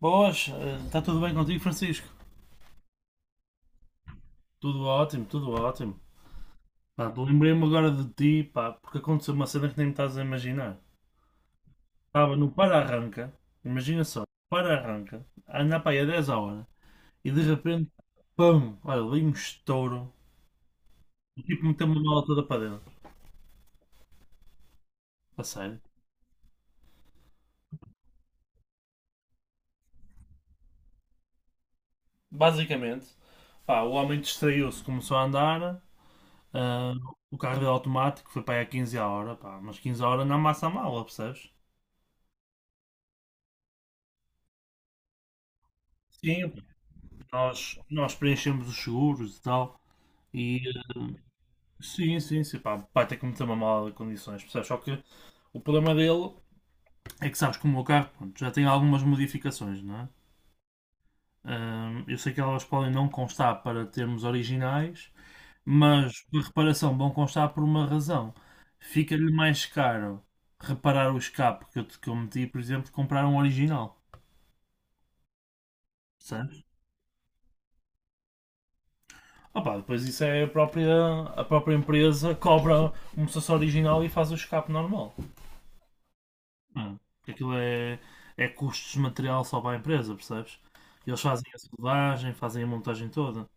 Boas, está tudo bem contigo, Francisco? Tudo ótimo, tudo ótimo. Pá, lembrei-me agora de ti, pá, porque aconteceu uma cena que nem me estás a imaginar. Estava no para-arranca, imagina só, para-arranca, a andar para aí a 10 a hora, e de repente, pum, olha, dei um estouro, o tipo meteu uma mala toda para dentro, a sério. Basicamente, pá, o homem distraiu-se, começou a andar, ah, o carro dele automático foi para aí a 15 a hora, pá, mas 15 a hora não amassa a mala, percebes? Sim. Nós preenchemos os seguros e tal. E, sim, sim, sim, pá, vai ter que meter uma mala de condições, percebes? Só que o problema dele é que sabes que o meu carro pronto, já tem algumas modificações, não é? Eu sei que elas podem não constar para termos originais, mas por reparação vão constar por uma razão. Fica-lhe mais caro reparar o escape que eu meti, por exemplo, comprar um original, percebes? Ah pá, depois isso é a própria empresa cobra um processo original e faz o escape normal. Hum, aquilo é, é custos de material só para a empresa, percebes? Eles fazem a soldagem, fazem a montagem toda.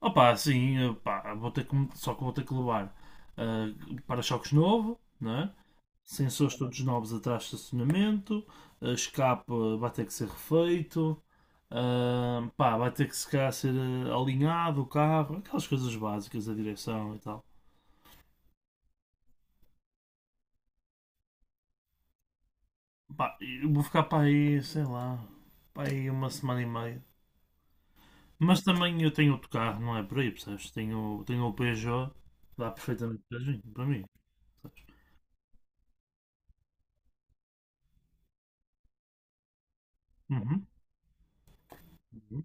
Opa, sim pá, vou ter que, só que vou ter que levar ah, para-choques novo, não é? Sensores todos novos atrás de estacionamento, escape vai ter que ser refeito, pá, vai ter que se calhar ser alinhado o carro, aquelas coisas básicas, a direção e tal. Pá, eu vou ficar para aí, sei lá, para aí uma semana e meia. Mas também eu tenho outro carro, não é por aí, percebes? Tenho o Peugeot, dá perfeitamente para mim, percebes? Uhum. Uhum.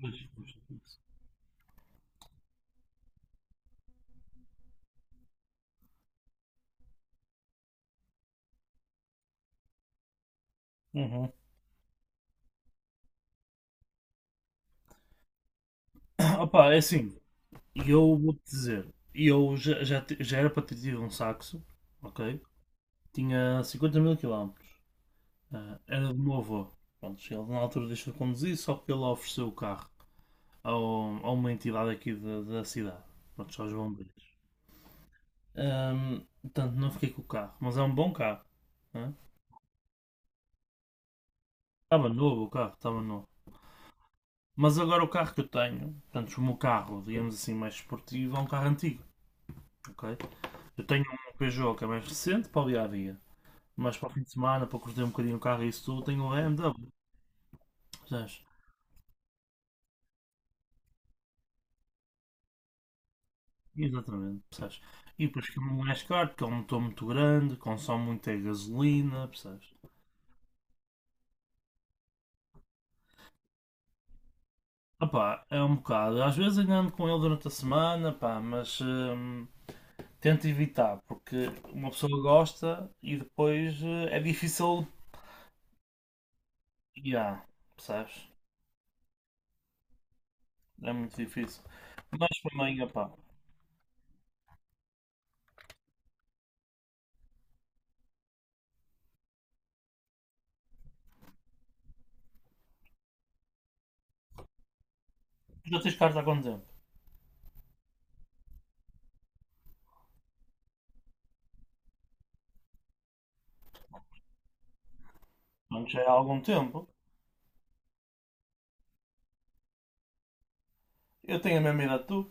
Pois, pois, pois. Uhum. Opa, é assim, eu vou-te dizer, eu já era para ter tido um saxo, ok? Tinha 50 mil quilómetros. Ah, era do meu avô. Pronto, ele na altura deixou de conduzir, só que ele ofereceu o carro a uma entidade aqui da cidade, pronto, aos bombeiros. Portanto, não fiquei com o carro, mas é um bom carro, né? Estava novo o carro, estava novo. Mas agora o carro que eu tenho, portanto, o meu carro, digamos assim, mais esportivo, é um carro antigo, ok? Eu tenho um Peugeot que é mais recente para o dia a dia, mas para o fim de semana, para curtir um bocadinho o carro e isso tudo, tenho um BMW, percebes? Exatamente, percebes? E depois que não é mais caro, porque é um motor muito grande, consome muita gasolina, percebes? Opá, é um bocado. Às vezes ainda ando com ele durante a semana, pá, mas tento evitar, porque uma pessoa gosta e depois é difícil. Yeah, percebes? É muito difícil. Mas para mim, opá, tu já tens carta há quanto tempo? Portanto, já é há algum tempo. Eu tenho a mesma idade que tu,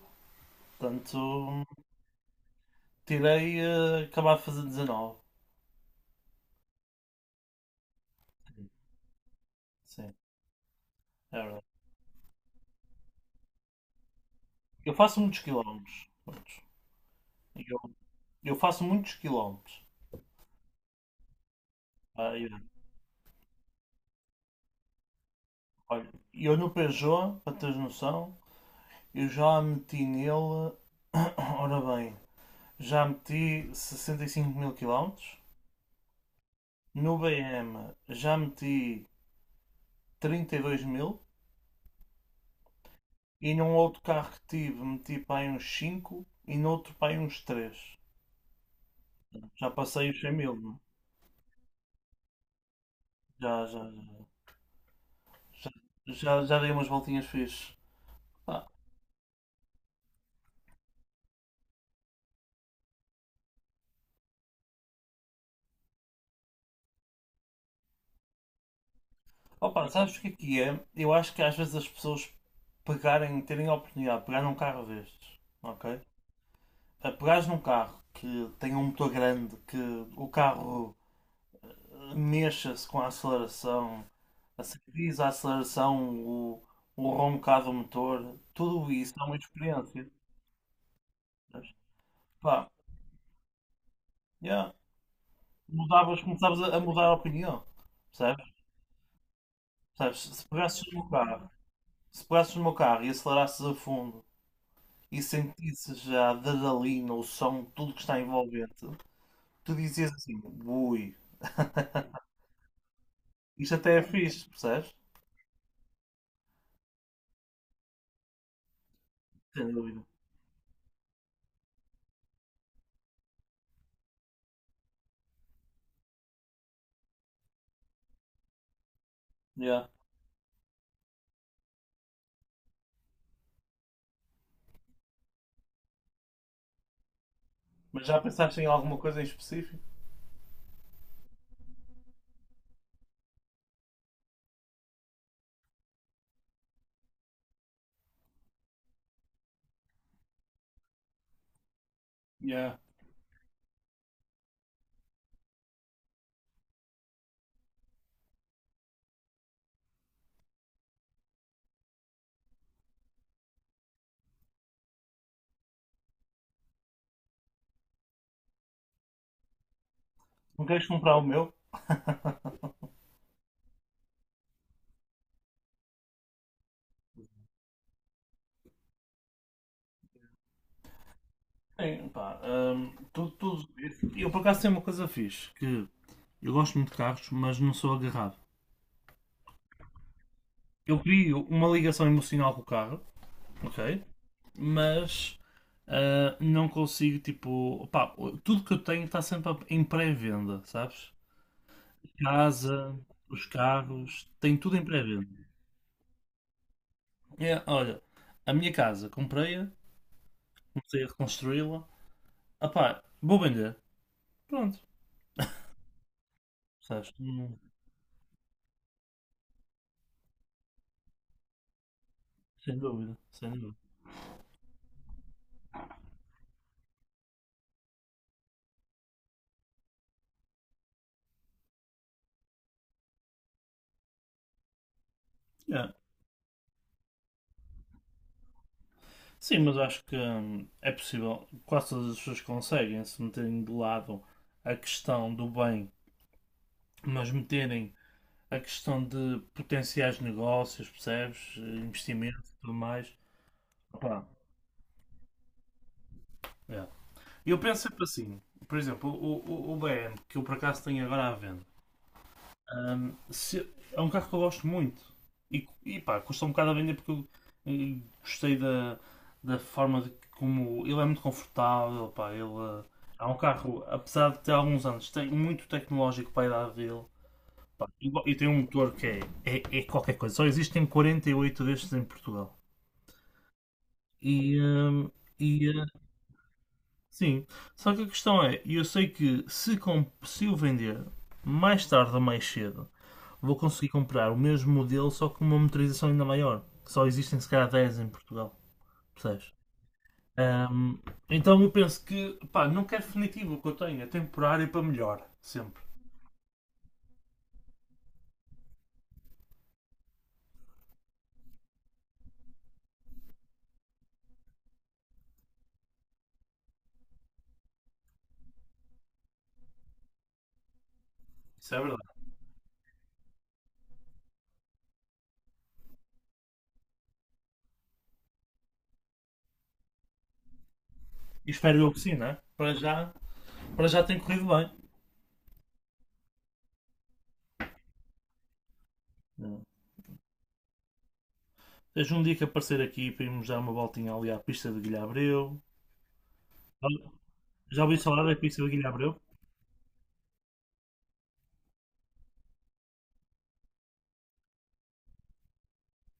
portanto, tirei, acabado de fazer 19. Sim, é verdade. Eu faço muitos quilómetros. Prontos. E eu faço muitos quilómetros. Ah, eu, Olha, eu no Peugeot, para teres noção, eu já meti nele. Ora bem, já meti 65 mil quilómetros. No B M já meti 32 mil. E num outro carro que tive meti para aí uns 5 e no outro para aí uns três. Já passei os 100 mil. Já, já, já, já dei umas voltinhas fixe. Pá, opa, sabes o que é que é? Eu acho que às vezes as pessoas pegarem, terem a oportunidade de pegar num carro destes, ok? A pegares num carro que tem um motor grande, que o carro mexa-se com a aceleração, a serviço, a aceleração, o roncar do motor, tudo isso é uma experiência. Percebes? Pá, yeah. Mudavas, começavas a mudar a opinião, percebes? Percebes? Se pegasses no meu carro, se pegasses no meu carro e acelerasses a fundo e sentisses já a adrenalina, o som, tudo que está envolvente, tu dizias assim, ui, isto até é fixe, percebes? Sem dúvida. Yeah. Mas já pensaste em alguma coisa em específico? Yeah. Não queres comprar o meu? Bem, pá, eu por acaso tenho uma coisa fixe, que eu gosto muito de carros, mas não sou agarrado. Eu crio uma ligação emocional com o carro, ok? Mas não consigo, tipo, pá, tudo que eu tenho está sempre em pré-venda, sabes? Casa, os carros, tem tudo em pré-venda. É, olha, a minha casa, comprei-a, comecei a reconstruí-la, ah pá, vou vender, pronto, sabes? Sem dúvida, sem dúvida. É. Sim, mas acho que é possível. Quase todas as pessoas conseguem se meterem de lado a questão do bem, mas meterem a questão de potenciais negócios, percebes? Investimentos e tudo mais. Opa, é. Eu penso sempre assim. Por exemplo, o BM, que eu por acaso tenho agora à venda, Ahm, se- é um carro que eu gosto muito. E pá, custa um bocado a vender porque eu gostei da forma de como ele é muito confortável. Pá, ele é um carro, apesar de ter alguns anos, tem muito tecnológico para a idade dele. Pá, e tem um motor que é qualquer coisa. Só existem 48 destes em Portugal. E, ahm, e, sim, só que a questão é: eu sei que se o vender mais tarde ou mais cedo vou conseguir comprar o mesmo modelo, só com uma motorização ainda maior. Que só existem se calhar 10 em Portugal, percebes? Ahm, então eu penso que, pá, não quero definitivo o que eu tenho, é temporário para melhor, sempre. Isso é verdade. E espero eu que sim, né? Para já tem corrido bem. Hum. Seja um dia que aparecer aqui para irmos dar uma voltinha ali à pista de Guilherme Abreu. Já ouvi falar da pista de Guilherme Abreu.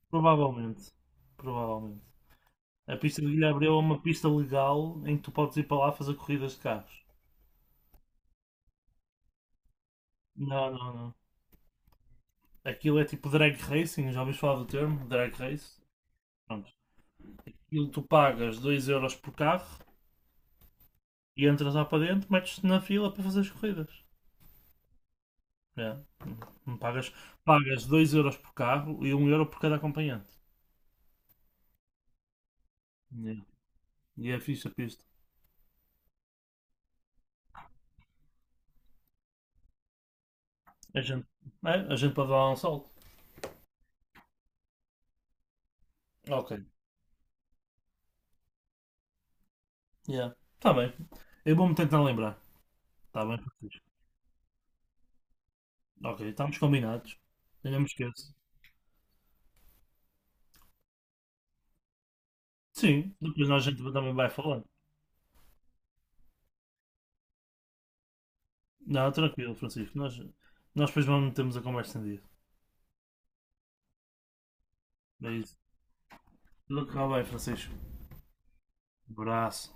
Provavelmente. Provavelmente. A pista de Guilherme Abreu é uma pista legal em que tu podes ir para lá fazer corridas de carros. Não, não, não. Aquilo é tipo drag racing, já ouviste falar do termo? Drag race? Pronto. Aquilo tu pagas 2 euros por carro e entras lá para dentro, metes-te na fila para fazer as corridas. É. Hum, Pagas, pagas 2€ euros por carro e 1 euro por cada acompanhante. Yeah. E é fixe a pista. A gente, a gente pode dar lá um salto. Ok. Yeah. Tá bem. Eu vou-me tentar lembrar. Tá bem, Francisco. Ok, estamos combinados. Eu não me esqueço. Sim, depois nós a gente também vai falar. Não, tranquilo, Francisco. Nós depois vamos metemos a conversa em dia. É isso. Tudo correu bem, Francisco. Abraço.